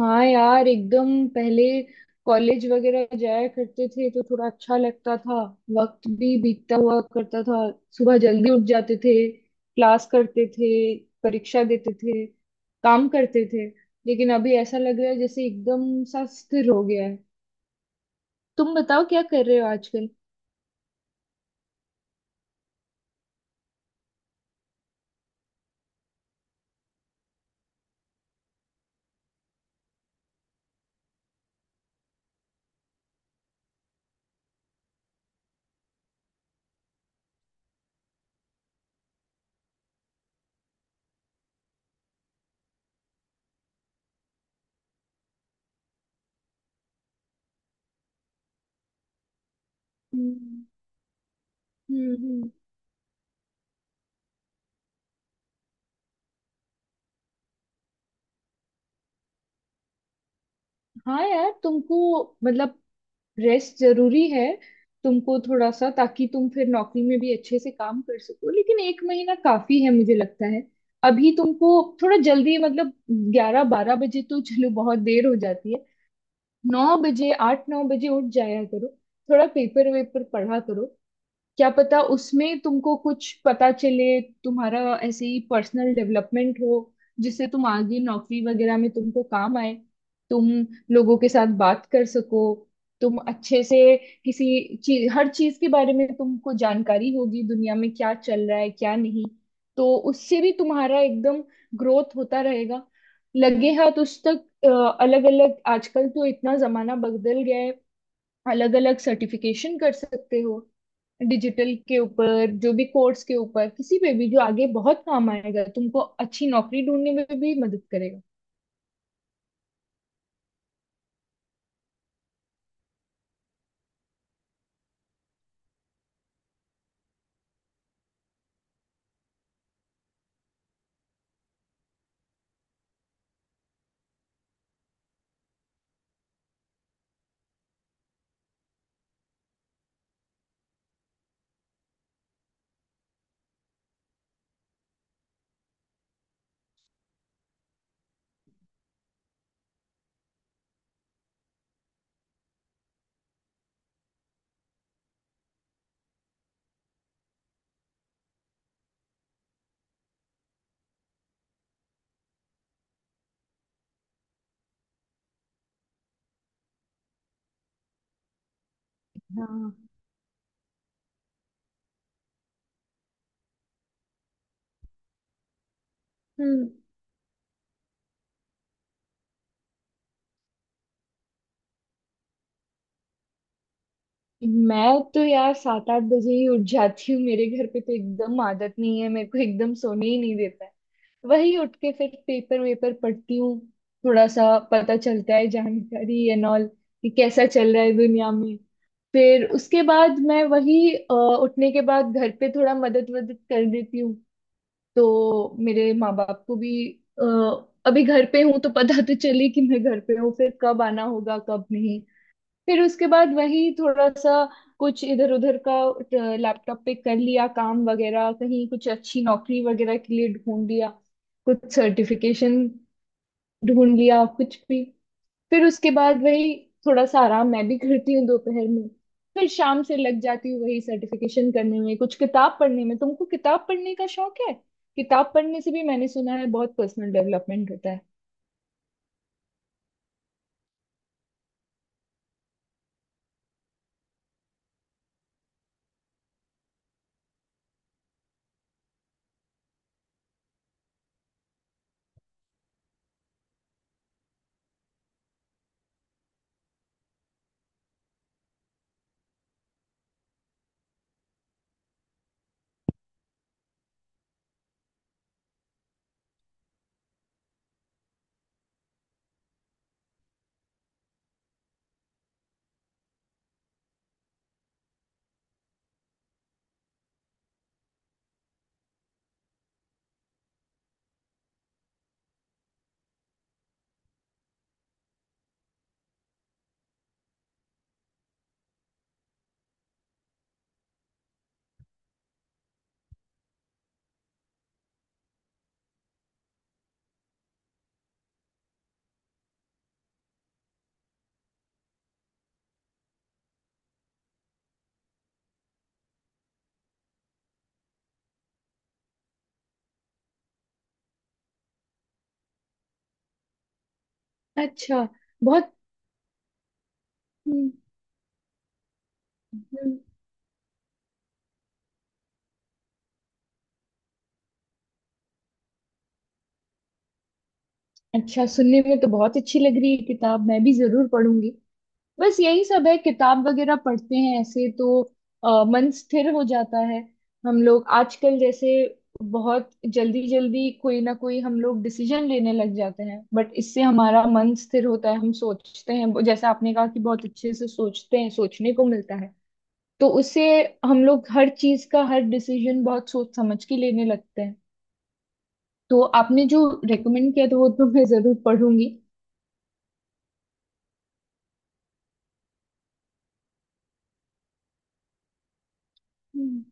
हाँ यार, एकदम पहले कॉलेज वगैरह जाया करते थे तो थोड़ा अच्छा लगता था। वक्त भी बीतता हुआ करता था। सुबह जल्दी उठ जाते थे, क्लास करते थे, परीक्षा देते थे, काम करते थे। लेकिन अभी ऐसा लग रहा है जैसे एकदम सा स्थिर हो गया है। तुम बताओ क्या कर रहे हो आजकल? हम्म। हम्म। हम्म। हाँ यार, तुमको मतलब रेस्ट जरूरी है। तुमको थोड़ा सा, ताकि तुम फिर नौकरी में भी अच्छे से काम कर सको, लेकिन एक महीना काफी है मुझे लगता है। अभी तुमको थोड़ा जल्दी, मतलब ग्यारह बारह बजे तो चलो बहुत देर हो जाती है। नौ बजे आठ नौ बजे उठ जाया करो। थोड़ा पेपर वेपर पढ़ा करो, क्या पता उसमें तुमको कुछ पता चले, तुम्हारा ऐसे ही पर्सनल डेवलपमेंट हो, जिससे तुम आगे नौकरी वगैरह में तुमको काम आए, तुम लोगों के साथ बात कर सको, तुम अच्छे से किसी चीज हर चीज के बारे में तुमको जानकारी होगी, दुनिया में क्या चल रहा है क्या नहीं। तो उससे भी तुम्हारा एकदम ग्रोथ होता रहेगा। लगे हाथ उस तक अलग अलग, आजकल तो इतना जमाना बदल गया है, अलग अलग सर्टिफिकेशन कर सकते हो, डिजिटल के ऊपर जो भी कोर्स के ऊपर किसी पे भी, जो आगे बहुत काम आएगा तुमको, अच्छी नौकरी ढूंढने में भी मदद करेगा। हाँ। हम्म। मैं तो यार सात आठ बजे ही उठ जाती हूँ, मेरे घर पे तो एकदम आदत नहीं है, मेरे को एकदम सोने ही नहीं देता है। वही उठ के फिर पेपर वेपर पढ़ती हूँ। थोड़ा सा पता चलता है, जानकारी एंड ऑल कि कैसा चल रहा है दुनिया में। फिर उसके बाद मैं वही उठने के बाद घर पे थोड़ा मदद वदद कर देती हूँ, तो मेरे माँ बाप को भी अ, अभी घर पे हूँ तो पता तो चले कि मैं घर पे हूँ, फिर कब आना होगा कब नहीं। फिर उसके बाद वही थोड़ा सा कुछ इधर उधर का लैपटॉप पे कर लिया, काम वगैरह कहीं कुछ अच्छी नौकरी वगैरह के लिए ढूंढ लिया, कुछ सर्टिफिकेशन ढूंढ लिया कुछ भी। फिर उसके बाद वही थोड़ा सा आराम मैं भी करती हूँ दोपहर में। फिर शाम से लग जाती हूँ वही सर्टिफिकेशन करने में, कुछ किताब पढ़ने में। तुमको किताब पढ़ने का शौक है? किताब पढ़ने से भी मैंने सुना है बहुत पर्सनल डेवलपमेंट होता है। अच्छा। बहुत। हम्म। हम्म। अच्छा, सुनने में तो बहुत अच्छी लग रही है किताब, मैं भी जरूर पढ़ूंगी। बस यही सब है, किताब वगैरह पढ़ते हैं ऐसे तो मन स्थिर हो जाता है। हम लोग आजकल जैसे बहुत जल्दी जल्दी कोई ना कोई हम लोग डिसीजन लेने लग जाते हैं, बट इससे हमारा मन स्थिर होता है, हम सोचते हैं, जैसे आपने कहा कि बहुत अच्छे से सोचते हैं, सोचने को मिलता है। तो उससे हम लोग हर चीज का हर डिसीजन बहुत सोच समझ के लेने लगते हैं। तो आपने जो रेकमेंड किया था वो तो मैं जरूर पढ़ूंगी। हम्म।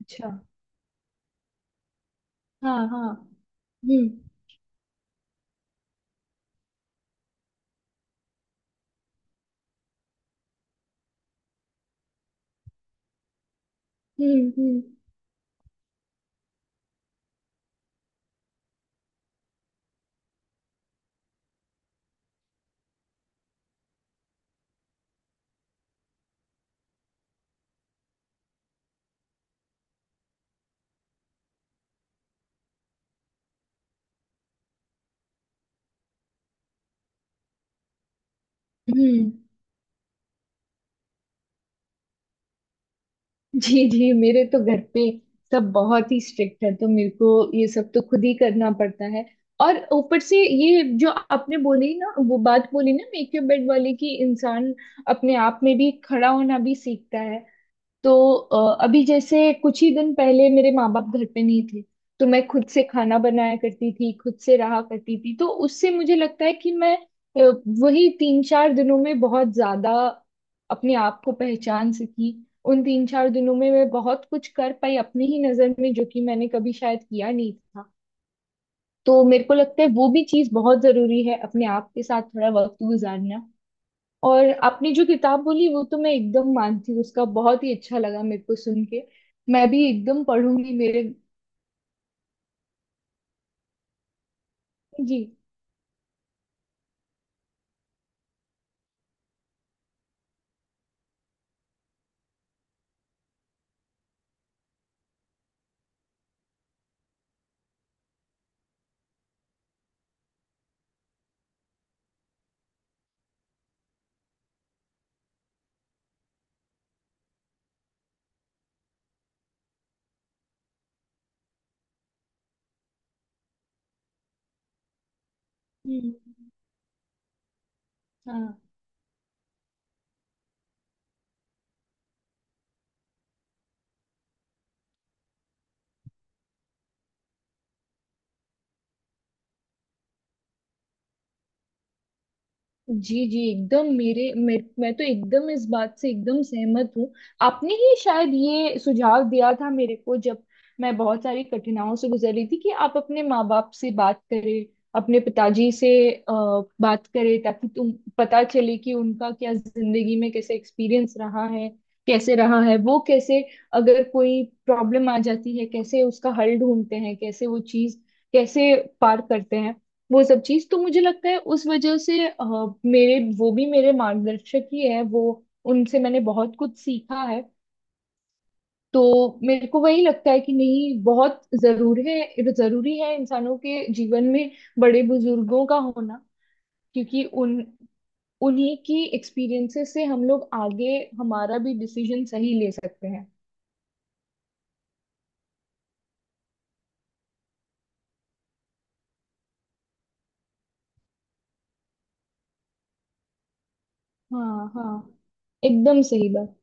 अच्छा। हाँ हाँ। हम्म हम्म हम्म हम्म। जी जी, मेरे तो घर पे सब बहुत ही स्ट्रिक्ट है, तो मेरे को ये सब तो खुद ही करना पड़ता है। और ऊपर से ये जो आपने बोली ना, वो बात बोली ना मेक योर बेड वाली, कि इंसान अपने आप में भी खड़ा होना भी सीखता है। तो अभी जैसे कुछ ही दिन पहले मेरे माँ बाप घर पे नहीं थे, तो मैं खुद से खाना बनाया करती थी, खुद से रहा करती थी, तो उससे मुझे लगता है कि मैं वही तीन चार दिनों में बहुत ज्यादा अपने आप को पहचान सकी। उन तीन चार दिनों में मैं बहुत कुछ कर पाई अपनी ही नजर में, जो कि मैंने कभी शायद किया नहीं था। तो मेरे को लगता है वो भी चीज बहुत जरूरी है, अपने आप के साथ थोड़ा वक्त गुजारना। और आपने जो किताब बोली वो तो मैं एकदम मानती हूँ, उसका बहुत ही अच्छा लगा मेरे को सुन के। मैं भी एकदम पढ़ूंगी मेरे। जी। हम्म। हाँ। जी जी एकदम, मैं तो एकदम इस बात से एकदम सहमत हूँ। आपने ही शायद ये सुझाव दिया था मेरे को, जब मैं बहुत सारी कठिनाइयों से गुजर रही थी, कि आप अपने माँ बाप से बात करें, अपने पिताजी से बात करें, ताकि तुम पता चले कि उनका क्या जिंदगी में कैसे एक्सपीरियंस रहा है, कैसे रहा है, वो कैसे अगर कोई प्रॉब्लम आ जाती है कैसे उसका हल ढूंढते हैं, कैसे वो चीज कैसे पार करते हैं। वो सब चीज तो मुझे लगता है उस वजह से मेरे वो भी मेरे मार्गदर्शक ही है वो, उनसे मैंने बहुत कुछ सीखा है। तो मेरे को वही लगता है कि नहीं, बहुत जरूर है, जरूरी है इंसानों के जीवन में बड़े बुजुर्गों का होना, क्योंकि उन उन्हीं की एक्सपीरियंसेस से हम लोग आगे हमारा भी डिसीजन सही ले सकते हैं। हाँ हाँ, एकदम सही बात।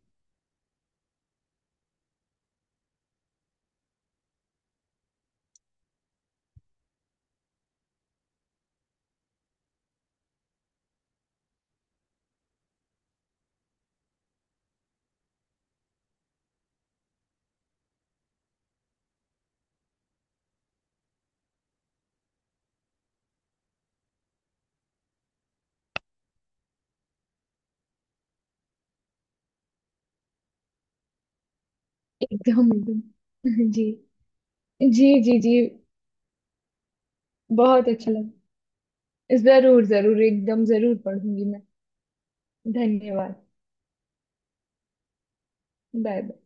एकदम एकदम। जी। जी जी जी। बहुत अच्छा लगा। जरूर जरूर एकदम जरूर पढ़ूंगी मैं। धन्यवाद। Bye bye.